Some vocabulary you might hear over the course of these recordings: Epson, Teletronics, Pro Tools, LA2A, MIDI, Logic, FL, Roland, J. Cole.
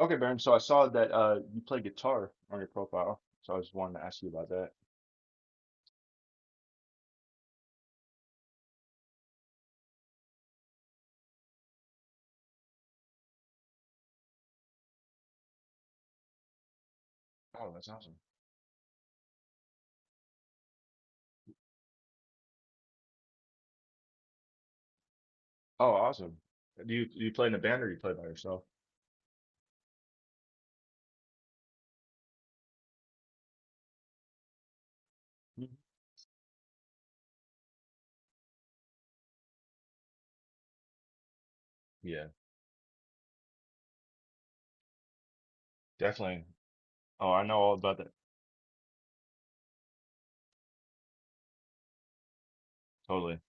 Okay, Baron. So I saw that you play guitar on your profile, so I just wanted to ask you about that. Oh, that's awesome. Oh, awesome. Do you play in a band or you play by yourself? Mhm. Yeah, definitely. Oh, I know all about that. Totally.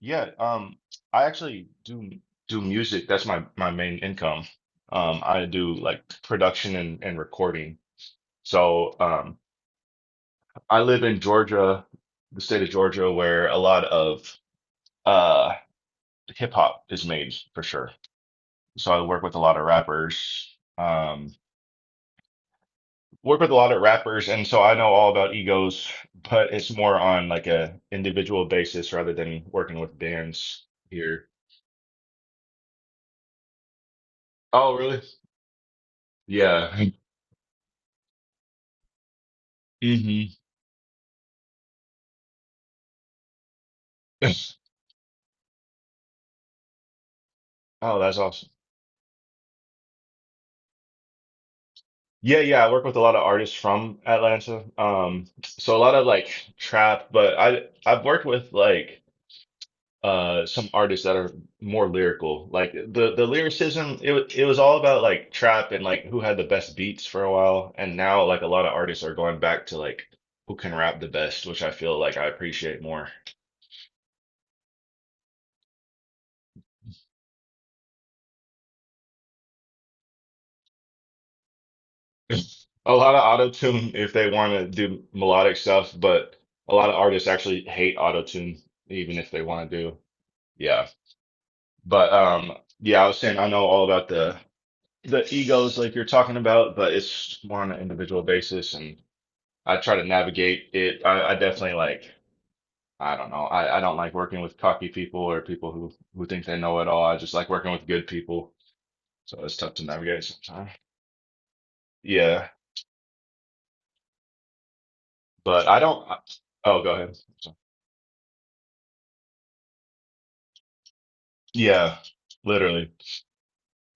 Yeah, I actually do music. That's my main income. I do like production and recording. So, I live in Georgia, the state of Georgia, where a lot of uh hip hop is made for sure. So I work with a lot of rappers. Work with a lot of rappers, and so I know all about egos, but it's more on like a individual basis rather than working with bands here. Oh, really? Yeah. hmm Oh, that's awesome. Yeah, yeah, I work with a lot of artists from Atlanta. So a lot of like trap, but I've worked with like some artists that are more lyrical. Like the lyricism, it was all about like trap and like who had the best beats for a while, and now like a lot of artists are going back to like who can rap the best, which I feel like I appreciate more. A lot of auto-tune if they want to do melodic stuff, but a lot of artists actually hate auto-tune even if they want to do. Yeah. But yeah, I was saying I know all about the egos like you're talking about, but it's more on an individual basis and I try to navigate it. I definitely like, I don't know. I don't like working with cocky people or people who think they know it all. I just like working with good people. So it's tough to navigate sometimes. Yeah, but I don't. Oh, go ahead. Yeah, literally.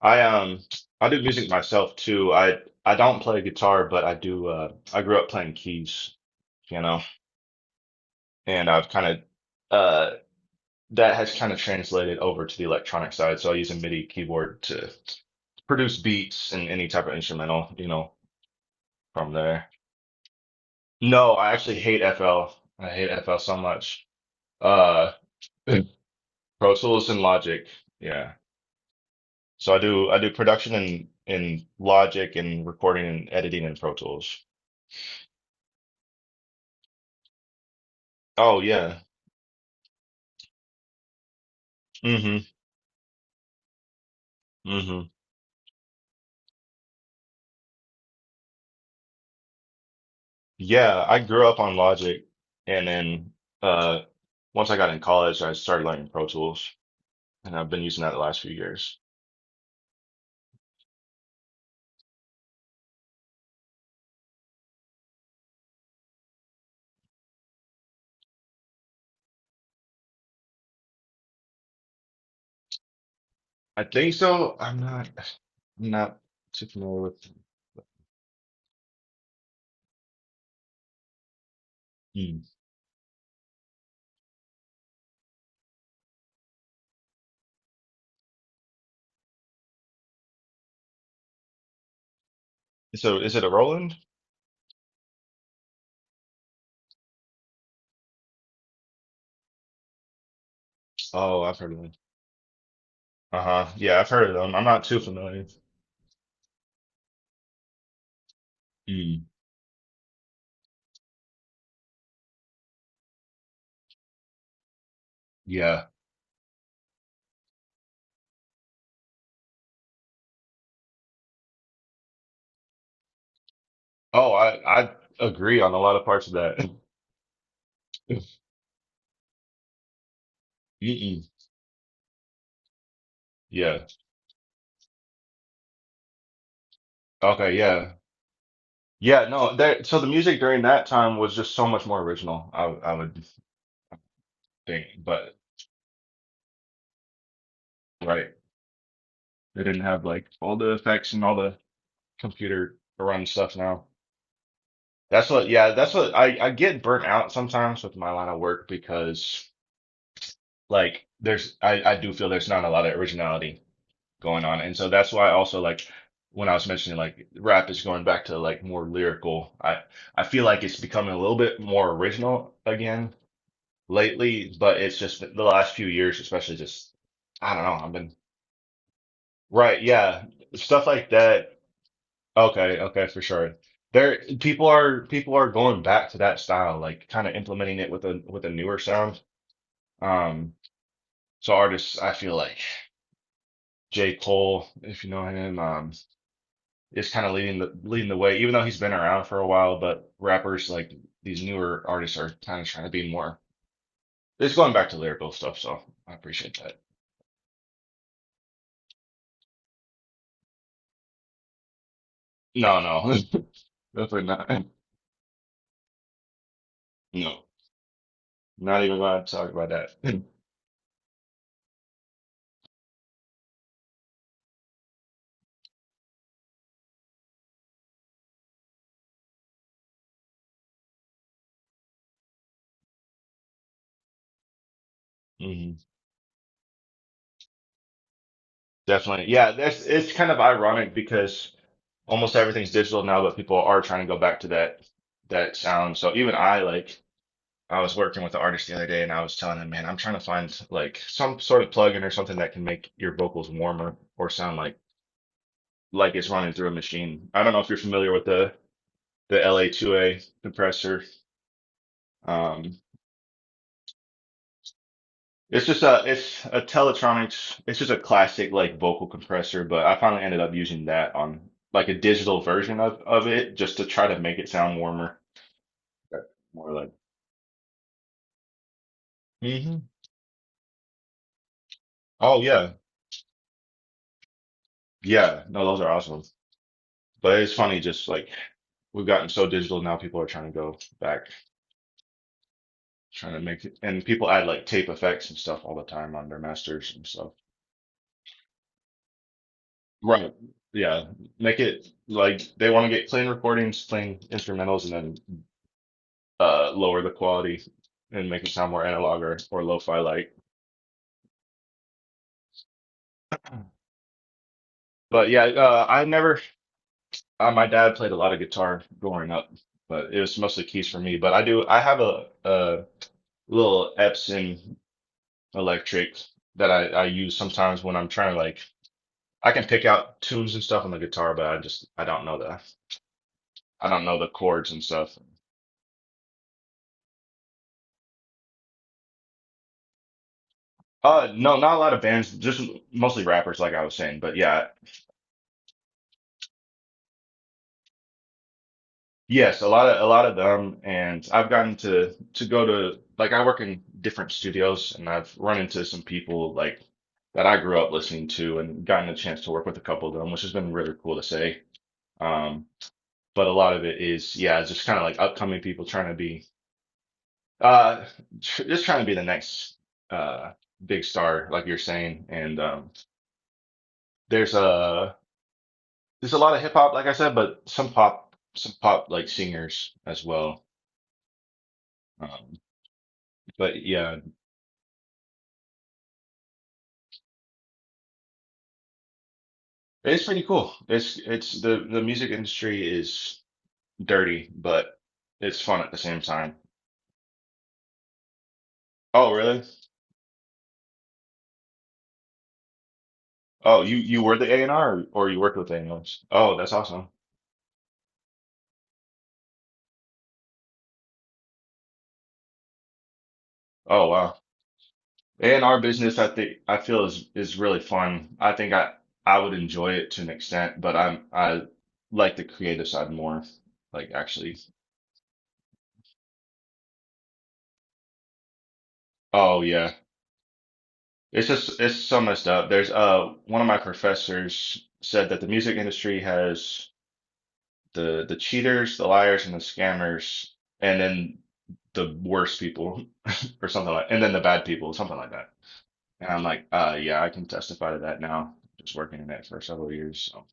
I I do music myself too. I don't play guitar, but I do. I grew up playing keys, you know, and I've of uh. that has kind of translated over to the electronic side. So I use a MIDI keyboard to produce beats and any type of instrumental, you know, from there. No, I actually hate FL. I hate FL so much. Uh, Pro Tools and Logic. Yeah. So I do production in Logic and recording and editing in Pro Tools. Oh yeah. Mm-hmm. Mm-hmm. Yeah, I grew up on Logic and then uh once I got in college I started learning Pro Tools and I've been using that the last few years. I think so. I'm not too familiar with. Hmm. So is it a Roland? Oh, I've heard of them. Uh-huh. Yeah, I've heard of them. I'm not too familiar. Hmm. Yeah. Oh, I agree on a lot of parts of that. Mm-mm. Yeah. Okay. Yeah. Yeah. No. There. So the music during that time was just so much more original. I would think, but right, they didn't have like all the effects and all the computer run stuff now. That's what, yeah, that's what I get burnt out sometimes with my line of work because like I do feel there's not a lot of originality going on. And so that's why also like when I was mentioning like rap is going back to like more lyrical. I feel like it's becoming a little bit more original again lately, but it's just the last few years, especially just I don't know, I've been right, yeah, stuff like that. Okay, okay, for sure. There, people are going back to that style, like kind of implementing it with a newer sound. Um, so artists, I feel like J. Cole, if you know him, is kind of leading the way, even though he's been around for a while. But rappers like these newer artists are kind of trying to be more. It's going back to lyrical stuff, so I appreciate that. No, no, definitely not. No, not even gonna talk about that. hmm Definitely. Yeah, that's it's kind of ironic because almost everything's digital now, but people are trying to go back to that sound. So even I like I was working with the artist the other day and I was telling him, man, I'm trying to find like some sort of plugin or something that can make your vocals warmer or sound like it's running through a machine. I don't know if you're familiar with the LA2A compressor. Um it's just a it's a Teletronics it's just a classic like vocal compressor, but I finally ended up using that on like a digital version of it just to try to make it sound warmer. More like Mhm. Oh yeah. Yeah. No, those are awesome. But it's funny, just like we've gotten so digital now, people are trying to go back, trying to make it, and people add like tape effects and stuff all the time on their masters and stuff. Right. Yeah, make it like they want to get clean recordings, clean instrumentals, and then lower the quality and make it sound more analog or lo-fi like. But yeah, I never, my dad played a lot of guitar growing up, but it was mostly keys for me. But I do, I have a little Epson electric that I use sometimes when I'm trying to like I can pick out tunes and stuff on the guitar, but I just I don't know the I don't know the chords and stuff. No, not a lot of bands, just mostly rappers like I was saying. But yeah, yes, a lot of them and I've gotten to go to like I work in different studios and I've run into some people like that I grew up listening to and gotten a chance to work with a couple of them, which has been really cool to say. Um, but a lot of it is, yeah, just kind of like upcoming people trying to be Uh, tr just trying to be the next uh big star, like you're saying. And there's a there's a lot of hip hop, like I said, but some pop like singers as well. Um, but yeah, it's pretty cool. It's the music industry is dirty, but it's fun at the same time. Oh, really? Oh, you were the A&R, or you worked with A&R's? Oh, that's awesome. Oh, wow. A&R business, I think I feel is really fun. I think I would enjoy it to an extent, but I like the creative side more. Like actually, oh yeah, it's just it's so messed up. There's one of my professors said that the music industry has the cheaters, the liars, and the scammers, and then the worst people or something like, and then the bad people, something like that. And I'm like, yeah, I can testify to that now, just working in it for several years. So.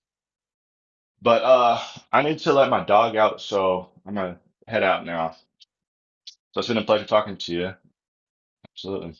But I need to let my dog out, so I'm gonna head out now. So it's been a pleasure talking to you. Absolutely.